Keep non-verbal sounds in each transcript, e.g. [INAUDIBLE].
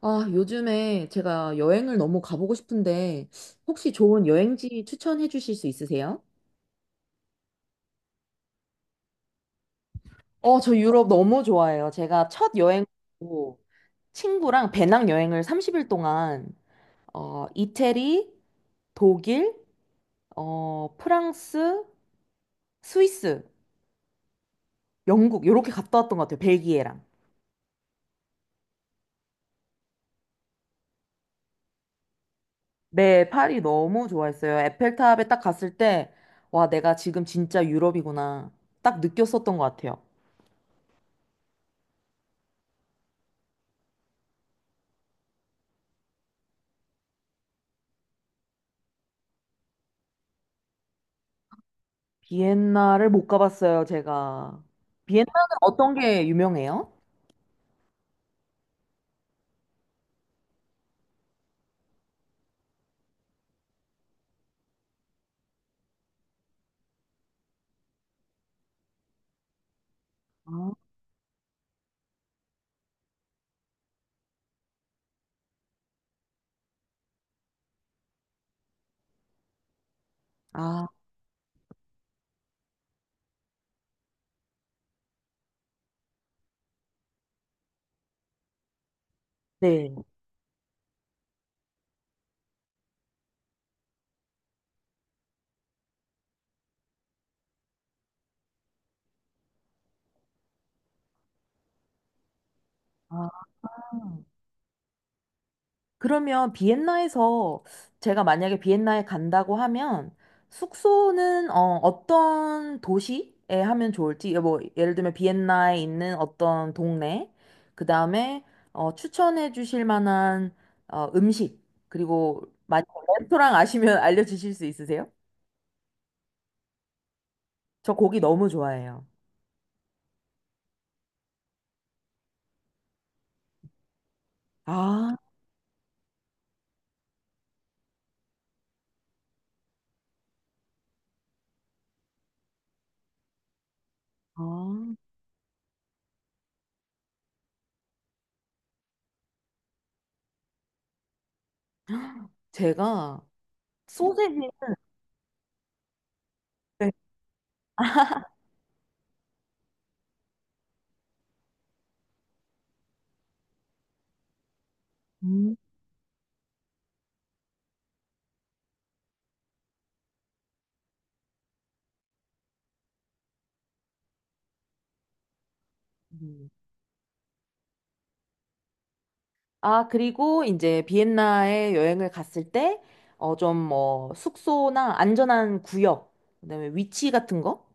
아, 요즘에 제가 여행을 너무 가보고 싶은데, 혹시 좋은 여행지 추천해 주실 수 있으세요? 어, 저 유럽 너무 좋아해요. 제가 첫 여행으로 친구랑 배낭 여행을 30일 동안, 이태리, 독일, 프랑스, 스위스, 영국, 이렇게 갔다 왔던 것 같아요. 벨기에랑. 네, 파리 너무 좋아했어요. 에펠탑에 딱 갔을 때, 와, 내가 지금 진짜 유럽이구나. 딱 느꼈었던 것 같아요. 비엔나를 못 가봤어요, 제가. 비엔나는 어떤 게 유명해요? 아, 아, 네. 아, 그러면 비엔나에서 제가 만약에 비엔나에 간다고 하면 숙소는 어떤 도시에 하면 좋을지, 뭐, 예를 들면 비엔나에 있는 어떤 동네, 그 다음에 추천해 주실 만한 음식, 그리고 만약 레스토랑 아시면 [LAUGHS] 알려주실 수 있으세요? 저 고기 너무 좋아해요. 아, 아. 제가 소세지를. 음. 음. 아, 그리고 이제 비엔나에 여행을 갔을 때, 좀 뭐, 숙소나 안전한 구역, 그다음에 위치 같은 거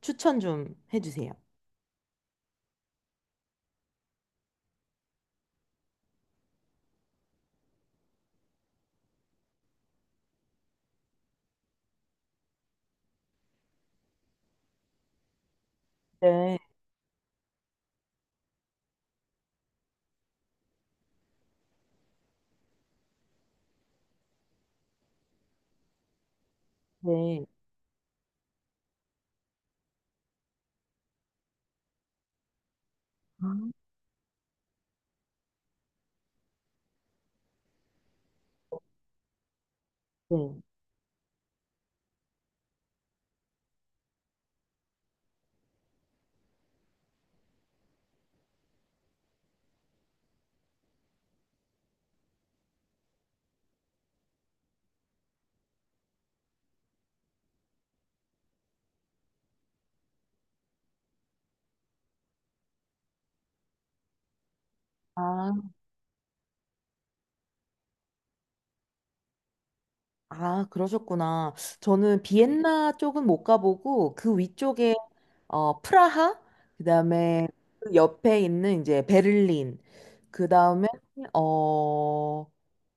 추천 좀 해주세요. 네, 네. 아, 네. 아, 아, 그러셨구나. 저는. 네. 비엔나 쪽은 못 가보고 그 위쪽에 프라하, 그다음에 그 옆에 있는 이제 베를린, 그다음에 어,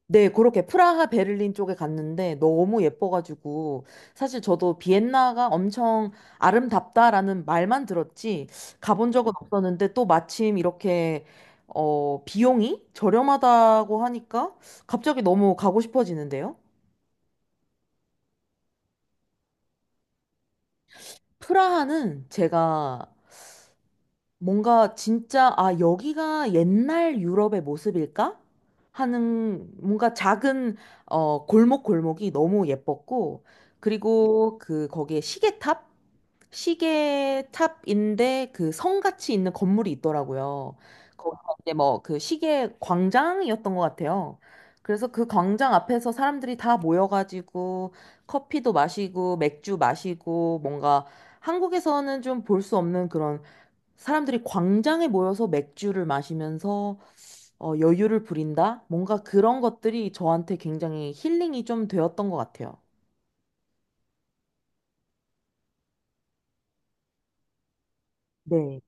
네, 그렇게 프라하, 베를린 쪽에 갔는데 너무 예뻐가지고 사실 저도 비엔나가 엄청 아름답다라는 말만 들었지 가본 적은 없었는데 또 마침 이렇게 비용이 저렴하다고 하니까 갑자기 너무 가고 싶어지는데요. 프라하는 제가 뭔가 진짜, 아, 여기가 옛날 유럽의 모습일까 하는 뭔가 작은, 골목골목이 너무 예뻤고, 그리고 그, 거기에 시계탑? 시계탑인데 그 성같이 있는 건물이 있더라고요. 거기가 이제 뭐 그 시계 광장이었던 것 같아요. 그래서 그 광장 앞에서 사람들이 다 모여가지고 커피도 마시고 맥주 마시고 뭔가 한국에서는 좀 볼 수 없는 그런, 사람들이 광장에 모여서 맥주를 마시면서 여유를 부린다? 뭔가 그런 것들이 저한테 굉장히 힐링이 좀 되었던 것 같아요. 네,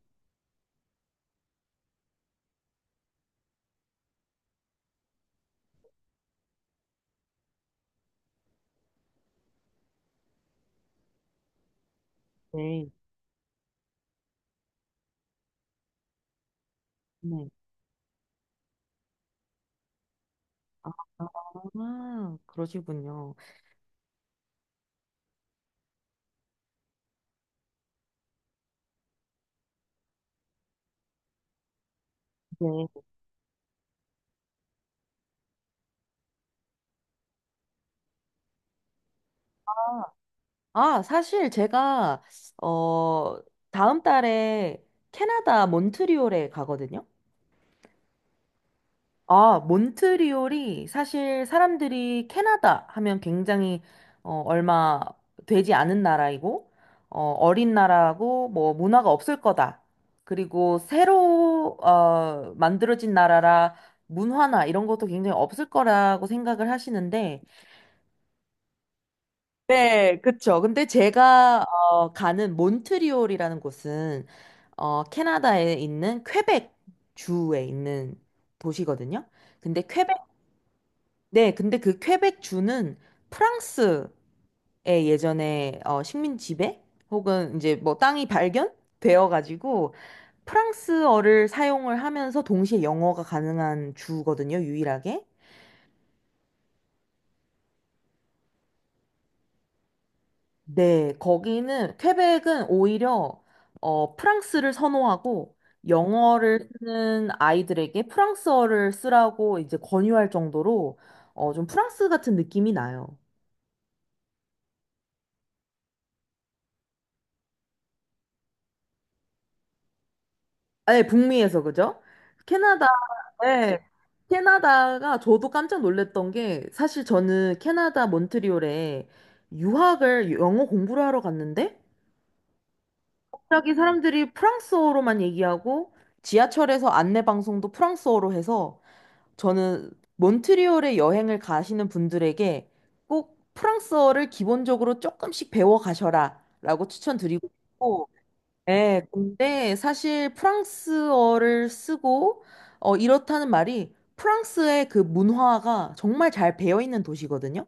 네, 네. 아, 그러시군요. 네. 아, 사실 제가, 어, 다음 달에 캐나다 몬트리올에 가거든요. 아, 몬트리올이 사실 사람들이 캐나다 하면 굉장히 얼마 되지 않은 나라이고 어린 나라고 뭐 문화가 없을 거다. 그리고 새로 만들어진 나라라 문화나 이런 것도 굉장히 없을 거라고 생각을 하시는데. 네, 그쵸. 근데 제가 가는 몬트리올이라는 곳은 캐나다에 있는 퀘벡 주에 있는 도시거든요. 근데. 네, 근데 그 퀘벡 주는 프랑스의 예전에 식민 지배 혹은 이제 뭐 땅이 발견되어 가지고 프랑스어를 사용을 하면서 동시에 영어가 가능한 주거든요, 유일하게. 네, 거기는 퀘벡은 오히려 프랑스를 선호하고 영어를 쓰는 아이들에게 프랑스어를 쓰라고 이제 권유할 정도로 좀 프랑스 같은 느낌이 나요. 아, 네, 북미에서. 그죠? 캐나다. 네. 캐나다가 저도 깜짝 놀랐던 게 사실 저는 캐나다 몬트리올에 유학을, 영어 공부를 하러 갔는데 갑자기 사람들이 프랑스어로만 얘기하고 지하철에서 안내 방송도 프랑스어로 해서, 저는 몬트리올에 여행을 가시는 분들에게 꼭 프랑스어를 기본적으로 조금씩 배워 가셔라 라고 추천드리고 싶고. 네, 근데 사실 프랑스어를 쓰고 이렇다는 말이 프랑스의 그 문화가 정말 잘 배어 있는 도시거든요.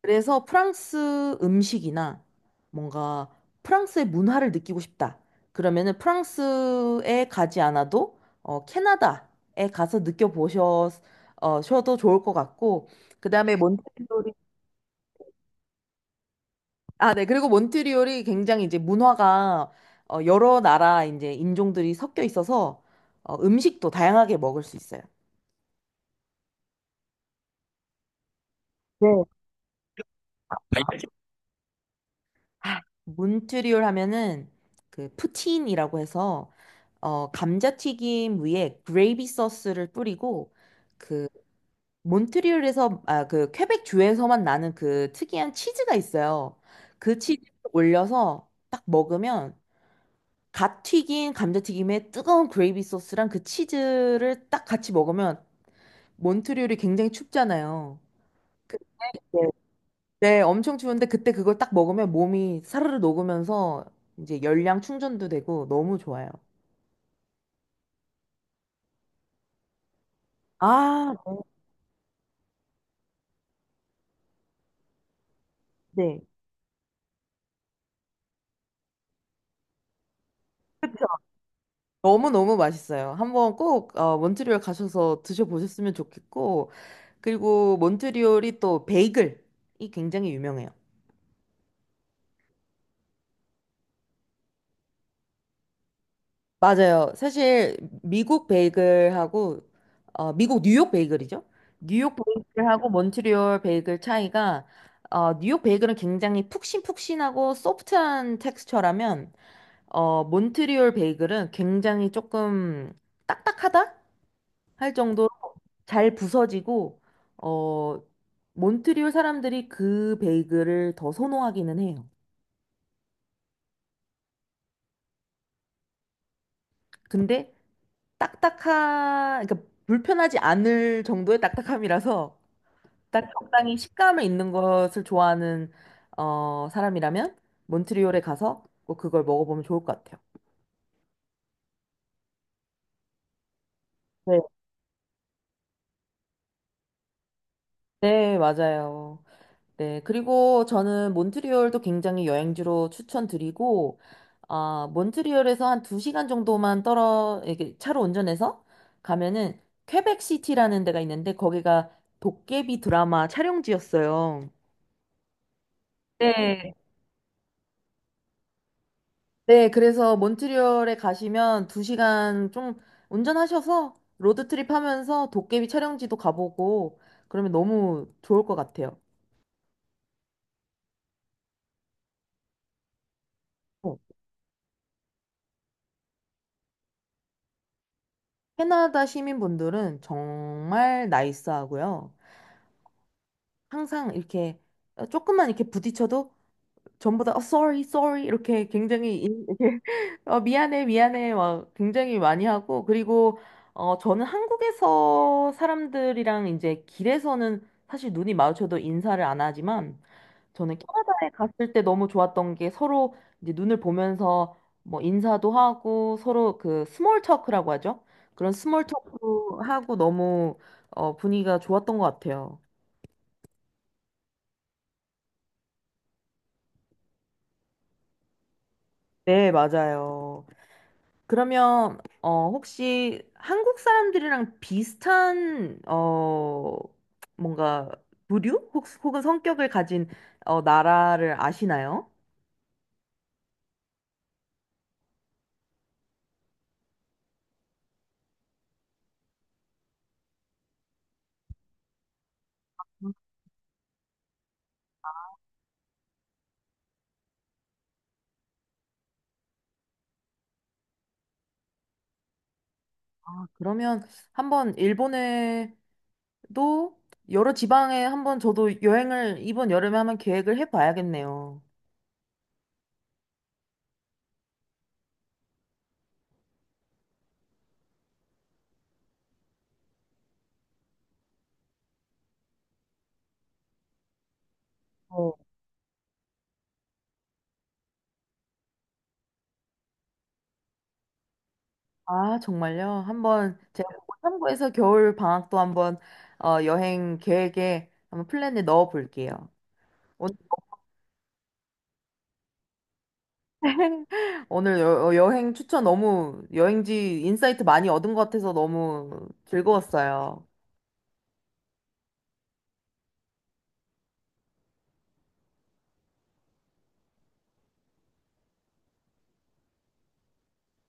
그래서 프랑스 음식이나 뭔가 프랑스의 문화를 느끼고 싶다, 그러면은 프랑스에 가지 않아도 캐나다에 가서 느껴보셔도 좋을 것 같고, 그 다음에 몬테피오르. 아, 네. 그리고 몬트리올이 굉장히 이제 문화가 여러 나라 이제 인종들이 섞여 있어서 음식도 다양하게 먹을 수 있어요. 네. 몬트리올 하면은 그 푸틴이라고 해서 감자튀김 위에 그레이비 소스를 뿌리고 그 몬트리올에서, 아, 그 퀘벡 주에서만 나는 그 특이한 치즈가 있어요. 그 치즈 올려서 딱 먹으면, 갓 튀긴 감자튀김에 뜨거운 그레이비 소스랑 그 치즈를 딱 같이 먹으면, 몬트리올이 굉장히 춥잖아요. 그- 네, 네, 엄청 추운데 그때 그걸 딱 먹으면 몸이 사르르 녹으면서 이제 열량 충전도 되고 너무 좋아요. 아, 네. 그쵸. 너무너무 맛있어요. 한번 꼭 몬트리올 가셔서 드셔보셨으면 좋겠고, 그리고 몬트리올이 또 베이글이 굉장히 유명해요. 맞아요. 사실 미국 베이글하고, 미국 뉴욕 베이글이죠. 뉴욕 베이글하고 몬트리올 베이글 차이가, 뉴욕 베이글은 굉장히 푹신푹신하고 소프트한 텍스처라면 몬트리올 베이글은 굉장히 조금 딱딱하다 할 정도로 잘 부서지고, 어, 몬트리올 사람들이 그 베이글을 더 선호하기는 해요. 근데 딱딱하 그러니까 불편하지 않을 정도의 딱딱함이라서 딱 적당히 식감이 있는 것을 좋아하는 사람이라면 몬트리올에 가서 꼭 그걸 먹어보면 좋을 것 같아요. 네. 네, 맞아요. 네, 그리고 저는 몬트리올도 굉장히 여행지로 추천드리고, 아, 몬트리올에서 한 두시간 정도만 이렇게 차로 운전해서 가면은 퀘벡시티라는 데가 있는데 거기가 도깨비 드라마 촬영지였어요. 네. 네, 그래서 몬트리올에 가시면 두시간좀 운전하셔서 로드트립 하면서 도깨비 촬영지도 가보고 그러면 너무 좋을 것 같아요. 어. 캐나다 시민분들은 정말 나이스하고요. 항상 이렇게 조금만 이렇게 부딪혀도 전부 다 sorry, sorry 이렇게 굉장히 [LAUGHS] 미안해, 미안해 막 굉장히 많이 하고, 그리고, 저는 한국에서 사람들이랑 이제 길에서는 사실 눈이 마주쳐도 인사를 안 하지만, 저는 캐나다에 갔을 때 너무 좋았던 게, 서로 이제 눈을 보면서 뭐 인사도 하고, 서로 그 스몰 토크라고 하죠? 그런 스몰 토크 하고 너무 분위기가 좋았던 것 같아요. 네, 맞아요. 그러면 혹시 한국 사람들이랑 비슷한 뭔가 부류 혹은 성격을 가진 나라를 아시나요? 아, 그러면 한번 일본에도 여러 지방에 한번 저도 여행을 이번 여름에 한번 계획을 해봐야겠네요. 어, 아, 정말요? 한번 제가 그거 참고해서 겨울 방학도 한번 여행 계획에 한번 플랜에 넣어 볼게요. [LAUGHS] 오늘 여행 추천 너무, 여행지 인사이트 많이 얻은 것 같아서 너무 즐거웠어요.